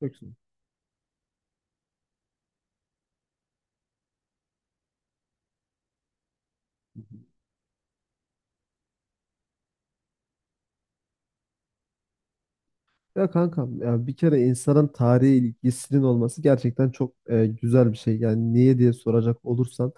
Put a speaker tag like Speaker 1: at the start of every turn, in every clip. Speaker 1: Çok Yoksun. Ya kankam, ya bir kere insanın tarihe ilgisinin olması gerçekten çok güzel bir şey. Yani niye diye soracak olursan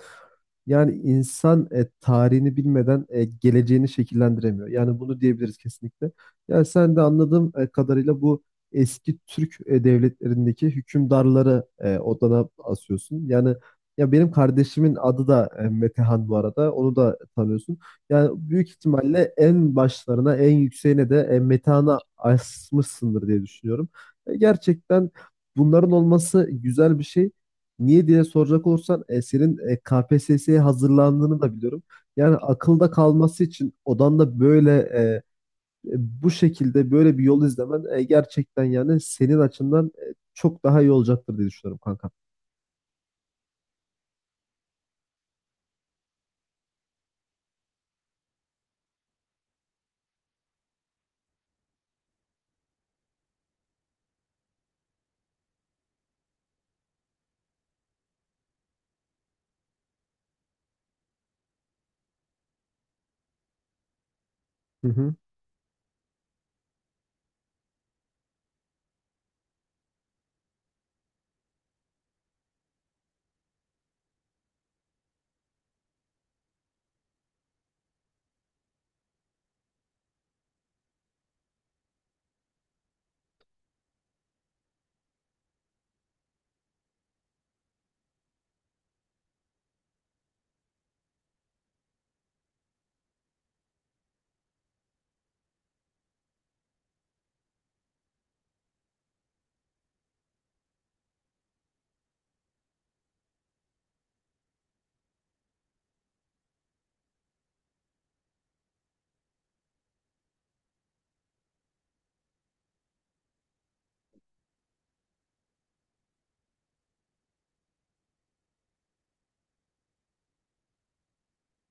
Speaker 1: yani insan tarihini bilmeden geleceğini şekillendiremiyor. Yani bunu diyebiliriz kesinlikle. Yani sen de anladığım kadarıyla bu eski Türk devletlerindeki hükümdarları odana asıyorsun. Yani ya benim kardeşimin adı da Metehan bu arada. Onu da tanıyorsun. Yani büyük ihtimalle en başlarına, en yükseğine de metana asmışsındır diye düşünüyorum. Gerçekten bunların olması güzel bir şey. Niye diye soracak olursan senin KPSS'ye hazırlandığını da biliyorum. Yani akılda kalması için odanda böyle e, bu şekilde böyle bir yol izlemen gerçekten yani senin açından çok daha iyi olacaktır diye düşünüyorum kanka. Hı hı.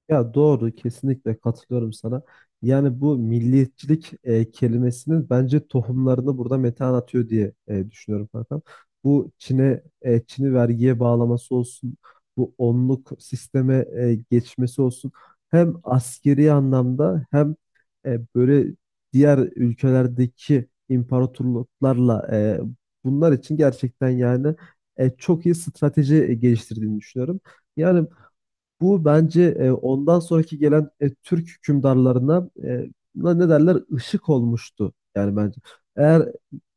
Speaker 1: Ya doğru, kesinlikle katılıyorum sana. Yani bu milliyetçilik kelimesinin bence tohumlarını burada Metehan atıyor diye düşünüyorum kankam. Bu Çin'e Çin'i vergiye bağlaması olsun, bu onluk sisteme geçmesi olsun. Hem askeri anlamda hem böyle diğer ülkelerdeki imparatorluklarla bunlar için gerçekten yani çok iyi strateji geliştirdiğini düşünüyorum. Yani bu bence ondan sonraki gelen Türk hükümdarlarına buna ne derler, ışık olmuştu yani bence. Eğer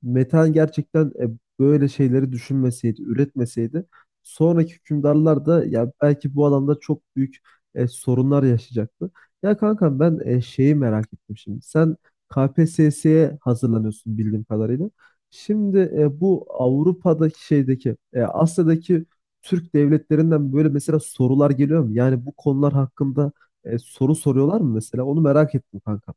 Speaker 1: Metehan gerçekten böyle şeyleri düşünmeseydi, üretmeseydi sonraki hükümdarlar da ya belki bu alanda çok büyük sorunlar yaşayacaktı. Ya kankam, ben şeyi merak ettim şimdi. Sen KPSS'ye hazırlanıyorsun bildiğim kadarıyla. Şimdi bu Avrupa'daki şeydeki, Asya'daki Türk devletlerinden böyle mesela sorular geliyor mu? Yani bu konular hakkında soru soruyorlar mı mesela? Onu merak ettim kankam.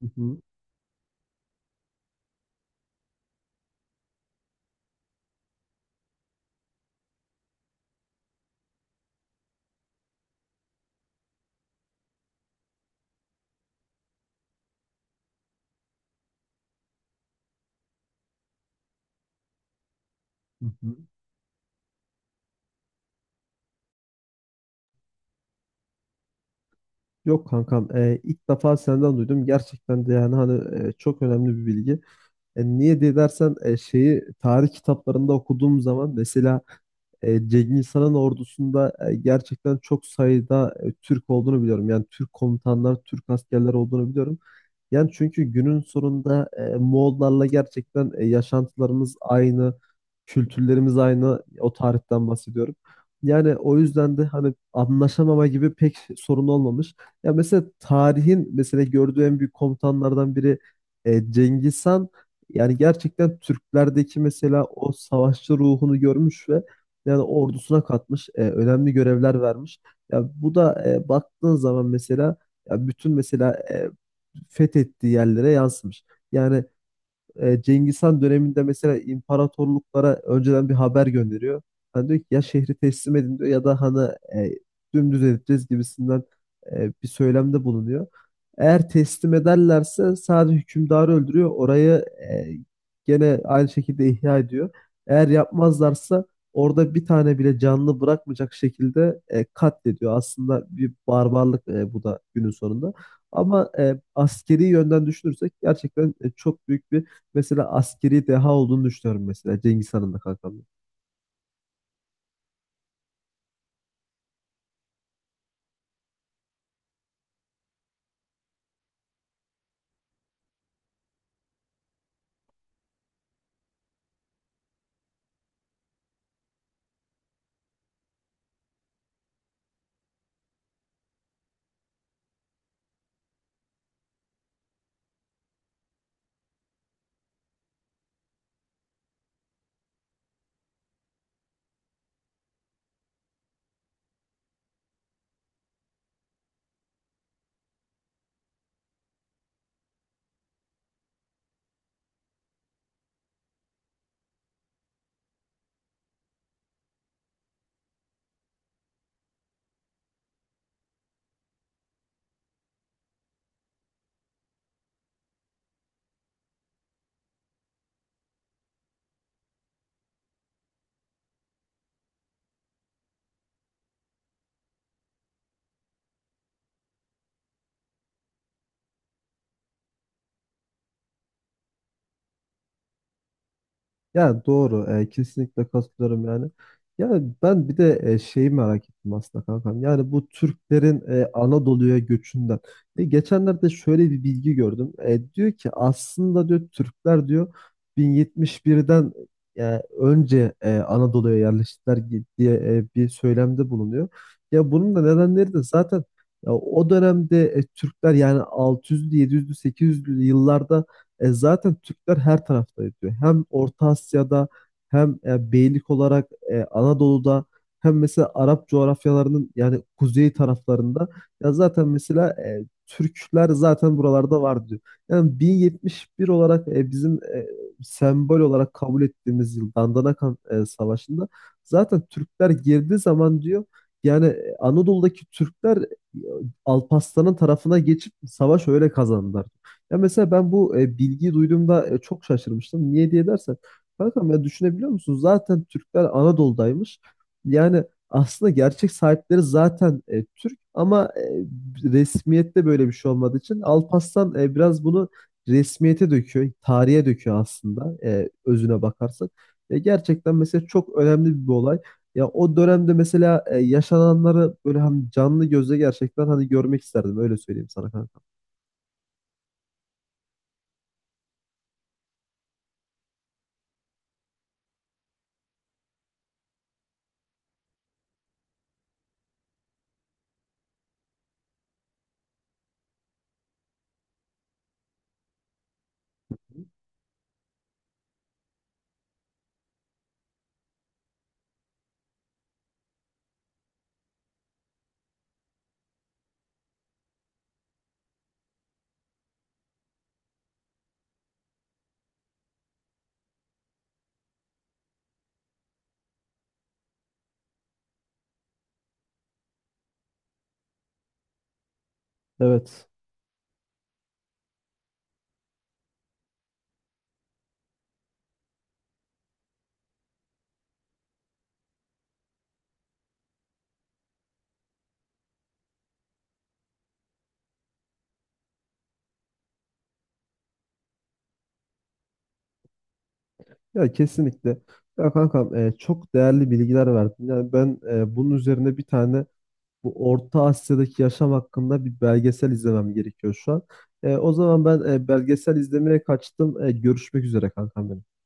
Speaker 1: Hı hı, hı hı. Yok kankam, ilk defa senden duydum. Gerçekten de yani hani çok önemli bir bilgi. Niye diye dersen şeyi tarih kitaplarında okuduğum zaman mesela Cengiz Han'ın ordusunda gerçekten çok sayıda Türk olduğunu biliyorum. Yani Türk komutanlar, Türk askerler olduğunu biliyorum. Yani çünkü günün sonunda Moğollarla gerçekten yaşantılarımız aynı, kültürlerimiz aynı. O tarihten bahsediyorum. Yani o yüzden de hani anlaşamama gibi pek sorun olmamış. Ya mesela tarihin mesela gördüğü en büyük komutanlardan biri Cengiz Han. Yani gerçekten Türklerdeki mesela o savaşçı ruhunu görmüş ve yani ordusuna katmış, önemli görevler vermiş. Ya bu da baktığın zaman mesela ya bütün mesela fethettiği yerlere yazmış. Yani Cengiz Han döneminde mesela imparatorluklara önceden bir haber gönderiyor. Hani diyor ki ya şehri teslim edin diyor ya da hani e, dümdüz edeceğiz gibisinden bir söylemde bulunuyor. Eğer teslim ederlerse sadece hükümdarı öldürüyor. Orayı e, gene aynı şekilde ihya ediyor. Eğer yapmazlarsa orada bir tane bile canlı bırakmayacak şekilde katlediyor. Aslında bir barbarlık bu da günün sonunda. Ama askeri yönden düşünürsek gerçekten çok büyük bir mesela askeri deha olduğunu düşünüyorum mesela Cengiz Han'ın da kankam. Ya doğru, kesinlikle katılıyorum yani. Yani ben bir de şeyi merak ettim aslında kankam. Yani bu Türklerin Anadolu'ya göçünden. Geçenlerde şöyle bir bilgi gördüm. Diyor ki aslında, diyor Türkler, diyor 1071'den önce Anadolu'ya yerleştiler diye bir söylemde bulunuyor. Ya bunun da nedenleri de zaten ya, o dönemde Türkler yani 600'lü 700'lü 800'lü yıllarda zaten Türkler her tarafta diyor. Hem Orta Asya'da hem beylik olarak Anadolu'da hem mesela Arap coğrafyalarının yani kuzey taraflarında ya zaten mesela Türkler zaten buralarda var diyor. Yani 1071 olarak bizim sembol olarak kabul ettiğimiz yıl Dandanakan Savaşı'nda zaten Türkler girdiği zaman diyor yani Anadolu'daki Türkler Alparslan'ın tarafına geçip savaş öyle kazandılar. Ya mesela ben bu bilgiyi duyduğumda çok şaşırmıştım. Niye diye dersen, kankam, ya düşünebiliyor musun? Zaten Türkler Anadolu'daymış. Yani aslında gerçek sahipleri zaten Türk ama resmiyette böyle bir şey olmadığı için Alparslan biraz bunu resmiyete döküyor, tarihe döküyor aslında özüne bakarsak. Gerçekten mesela çok önemli bir olay. Ya o dönemde mesela yaşananları böyle hani canlı gözle gerçekten hani görmek isterdim, öyle söyleyeyim sana kanka. Evet. Ya kesinlikle. Ya kankam, çok değerli bilgiler verdin. Yani ben bunun üzerine bir tane bu Orta Asya'daki yaşam hakkında bir belgesel izlemem gerekiyor şu an. O zaman ben belgesel izlemeye kaçtım. Görüşmek üzere kankam benim.